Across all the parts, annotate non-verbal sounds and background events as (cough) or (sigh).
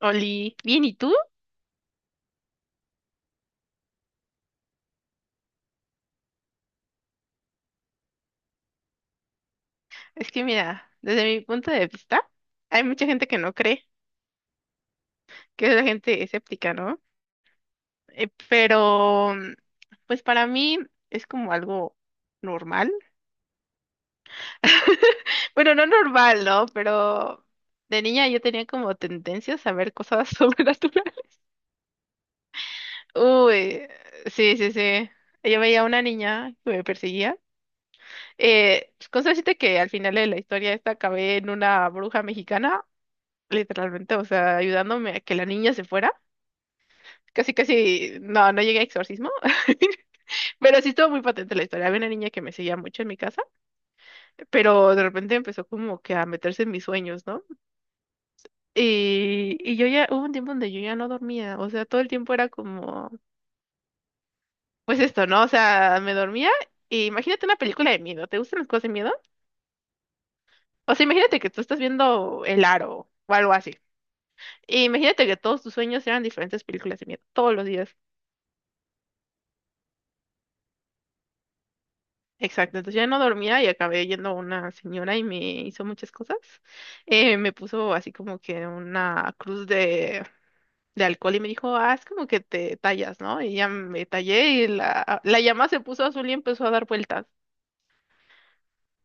Oli, bien, ¿y tú? Es que mira, desde mi punto de vista, hay mucha gente que no cree, que es la gente escéptica, ¿no? Pero, pues para mí es como algo normal. (laughs) Bueno, no normal, ¿no? Pero de niña yo tenía como tendencias a ver cosas (laughs) sobrenaturales. Uy, sí, sí, sí. Yo veía a una niña que me perseguía. Pues, con suerte que al final de la historia esta acabé en una bruja mexicana. Literalmente, o sea, ayudándome a que la niña se fuera. Casi, casi, no, no llegué a exorcismo, (laughs) pero sí estuvo muy patente la historia. Había una niña que me seguía mucho en mi casa, pero de repente empezó como que a meterse en mis sueños, ¿no? Y yo ya, hubo un tiempo donde yo ya no dormía, o sea, todo el tiempo era como, pues esto, ¿no? O sea, me dormía y imagínate una película de miedo, ¿te gustan las cosas de miedo? O sea, imagínate que tú estás viendo El Aro o algo así. Y imagínate que todos tus sueños eran diferentes películas de miedo, todos los días. Exacto, entonces ya no dormía y acabé yendo a una señora y me hizo muchas cosas. Me puso así como que una cruz de alcohol y me dijo, ah, es como que te tallas, ¿no? Y ya me tallé y la llama se puso azul y empezó a dar vueltas.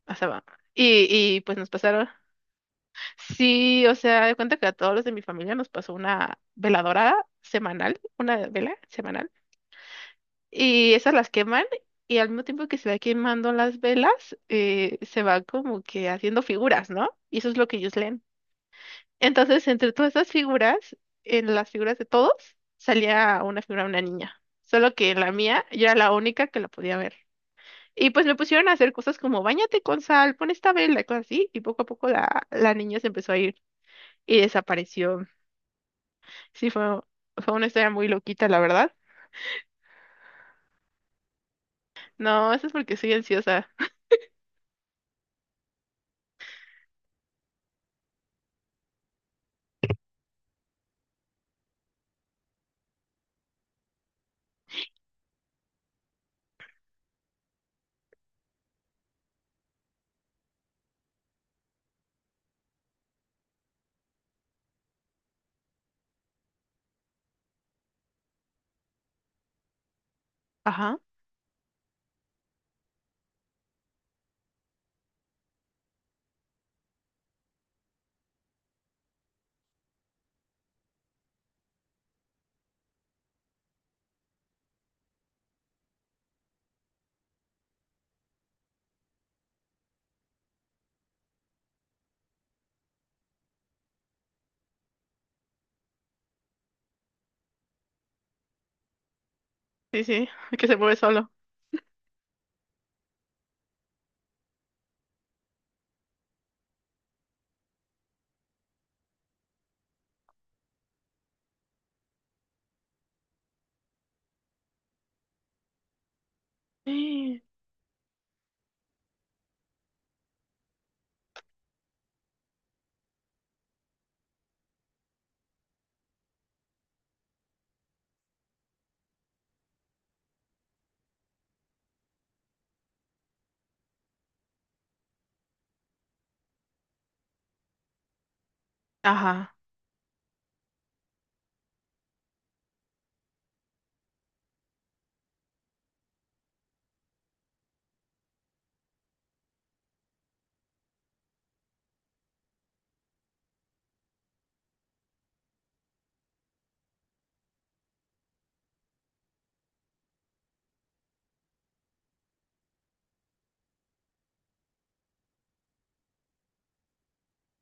O sea, va. y, y pues nos pasaron. Sí, o sea, de cuenta que a todos los de mi familia nos pasó una veladora semanal, una vela semanal. Y esas las queman y al mismo tiempo que se va quemando las velas, se va como que haciendo figuras, ¿no? Y eso es lo que ellos leen. Entonces, entre todas esas figuras, en las figuras de todos, salía una figura de una niña. Solo que en la mía, yo era la única que la podía ver. Y pues me pusieron a hacer cosas como bañate con sal, pon esta vela y cosas así. Y poco a poco la niña se empezó a ir y desapareció. Sí, fue una historia muy loquita, la verdad. No, eso es porque soy ansiosa. Ajá, sí, sí, (laughs) que se mueve solo. (gasps) Ajá,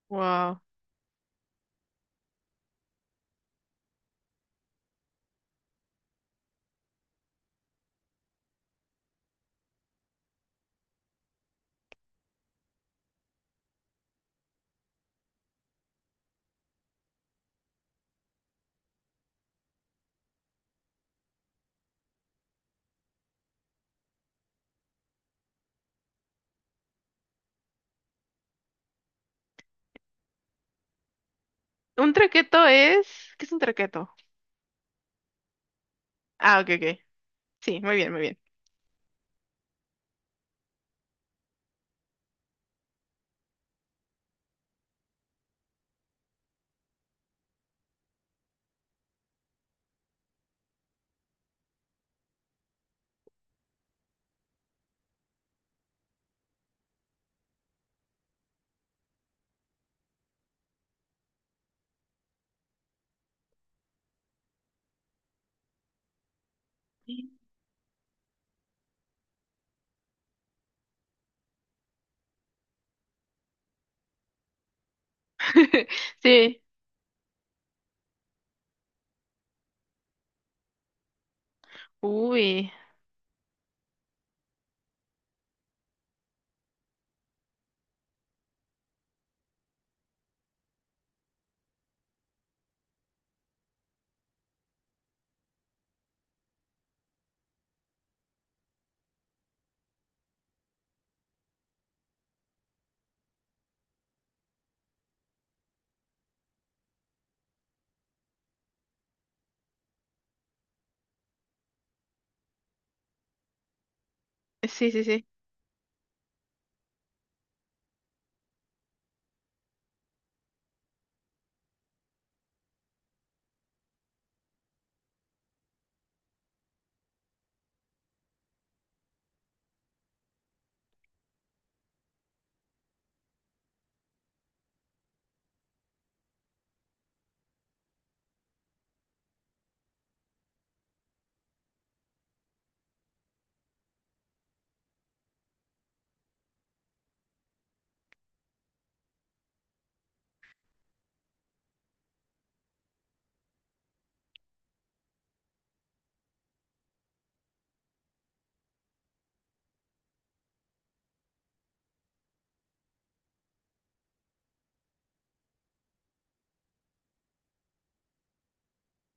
wow. ¿Un traqueto es? ¿Qué es un traqueto? Ah, ok, ok. Sí, muy bien, muy bien. (laughs) Sí, uy. Sí, sí, sí.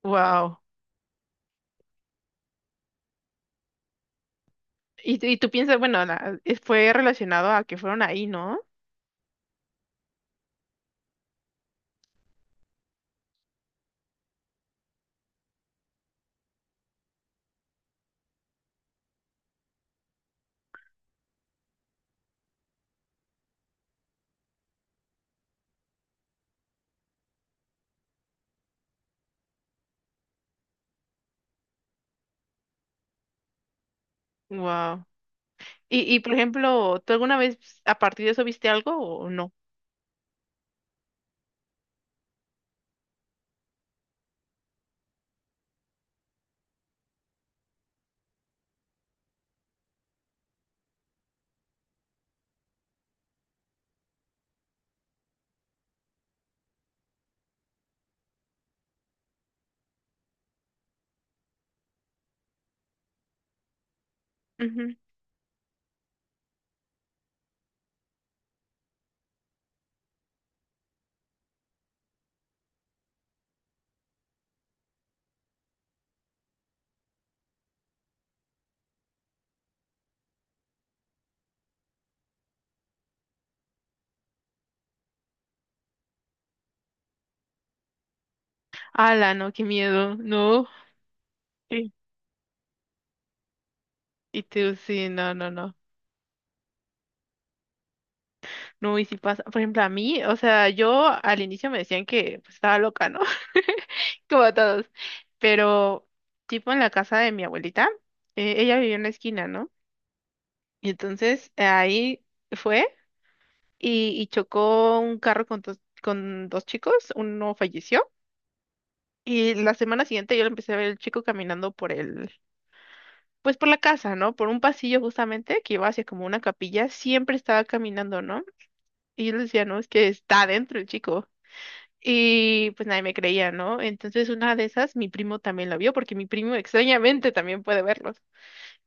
Wow. Y tú piensas, bueno, fue relacionado a que fueron ahí, ¿no? Wow. Y por ejemplo, ¿tú alguna vez a partir de eso viste algo o no? Ujú. Ala, no, qué miedo, no. Sí. Y tú, sí, no, no, no. No, y si pasa, por ejemplo, a mí, o sea, yo al inicio me decían que pues, estaba loca, ¿no? (laughs) Como a todos. Pero, tipo en la casa de mi abuelita, ella vivía en la esquina, ¿no? Y entonces ahí fue y chocó un carro con dos chicos, uno falleció. Y la semana siguiente yo lo empecé a ver el chico caminando por el, pues por la casa, ¿no? Por un pasillo justamente que iba hacia como una capilla, siempre estaba caminando, ¿no? Y yo le decía, no, es que está adentro el chico. Y pues nadie me creía, ¿no? Entonces una de esas, mi primo también la vio, porque mi primo extrañamente también puede verlos.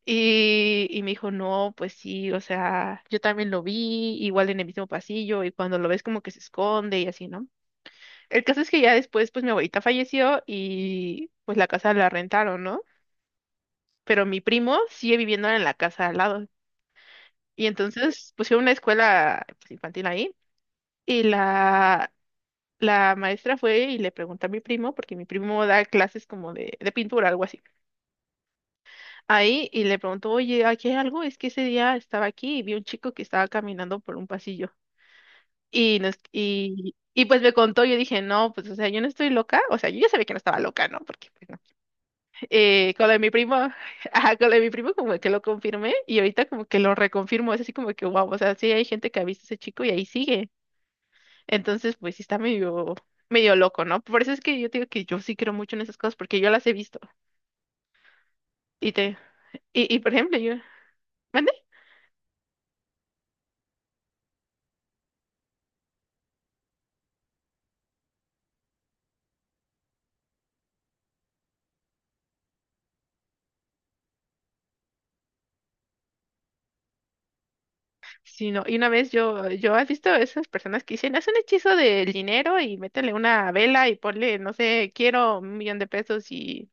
Y me dijo, no, pues sí, o sea, yo también lo vi, igual en el mismo pasillo, y cuando lo ves como que se esconde y así, ¿no? El caso es que ya después, pues mi abuelita falleció y pues la casa la rentaron, ¿no? Pero mi primo sigue viviendo en la casa al lado. Y entonces pusieron una escuela pues, infantil ahí. Y la, La maestra fue y le preguntó a mi primo, porque mi primo da clases como de, pintura, algo así. Ahí, y le preguntó, oye, ¿aquí hay algo? Es que ese día estaba aquí y vi un chico que estaba caminando por un pasillo. Y pues me contó, yo dije, no, pues, o sea, yo no estoy loca. O sea, yo ya sabía que no estaba loca, ¿no? Porque, pues, no. Con lo de mi primo, (laughs) ajá, con lo de mi primo como que lo confirmé y ahorita como que lo reconfirmo. Es así como que, wow, o sea, sí hay gente que ha visto a ese chico y ahí sigue. Entonces, pues sí está medio, medio loco, ¿no? Por eso es que yo te digo que yo sí creo mucho en esas cosas, porque yo las he visto. Y te, y por ejemplo, yo, ¿mande? Sí, no, y una vez yo, has visto esas personas que dicen, haz un hechizo del dinero y métele una vela y ponle, no sé, quiero un millón de pesos y,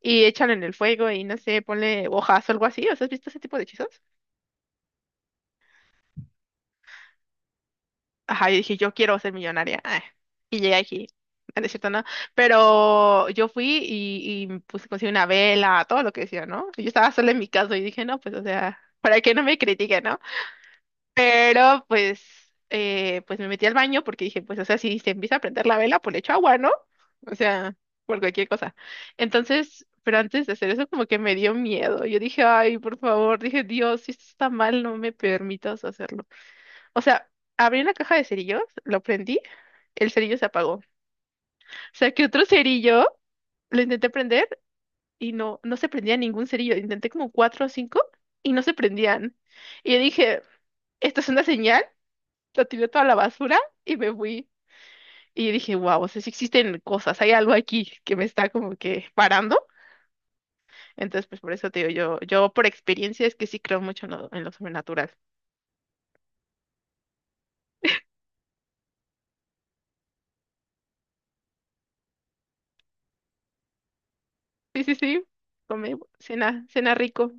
y échalo en el fuego y no sé, ponle hojas o algo así. ¿O sea, has visto ese tipo de hechizos? Ajá, yo dije, yo quiero ser millonaria. Ah, y llegué aquí. Ah, no. Es cierto, ¿no? Pero yo fui y me puse, conseguí una vela, todo lo que decía, ¿no? Yo estaba sola en mi casa y dije, no, pues, o sea, para que no me critiquen, ¿no? Pero, pues me metí al baño porque dije, pues, o sea, si se empieza a prender la vela, pues le echo agua, ¿no? O sea, por cualquier cosa. Entonces, pero antes de hacer eso, como que me dio miedo. Yo dije, ay, por favor, dije, Dios, si esto está mal, no me permitas hacerlo. O sea, abrí la caja de cerillos, lo prendí, el cerillo se apagó. Saqué otro cerillo, lo intenté prender y no, no se prendía ningún cerillo. Intenté como cuatro o cinco y no se prendían. Y yo dije, esto es una señal, lo tiré toda la basura y me fui. Y yo dije, wow, o sea, sí existen cosas, hay algo aquí que me está como que parando. Entonces, pues por eso te digo, yo por experiencia es que sí creo mucho en lo, sobrenatural. Sí, sí, sí, come, cena, cena rico.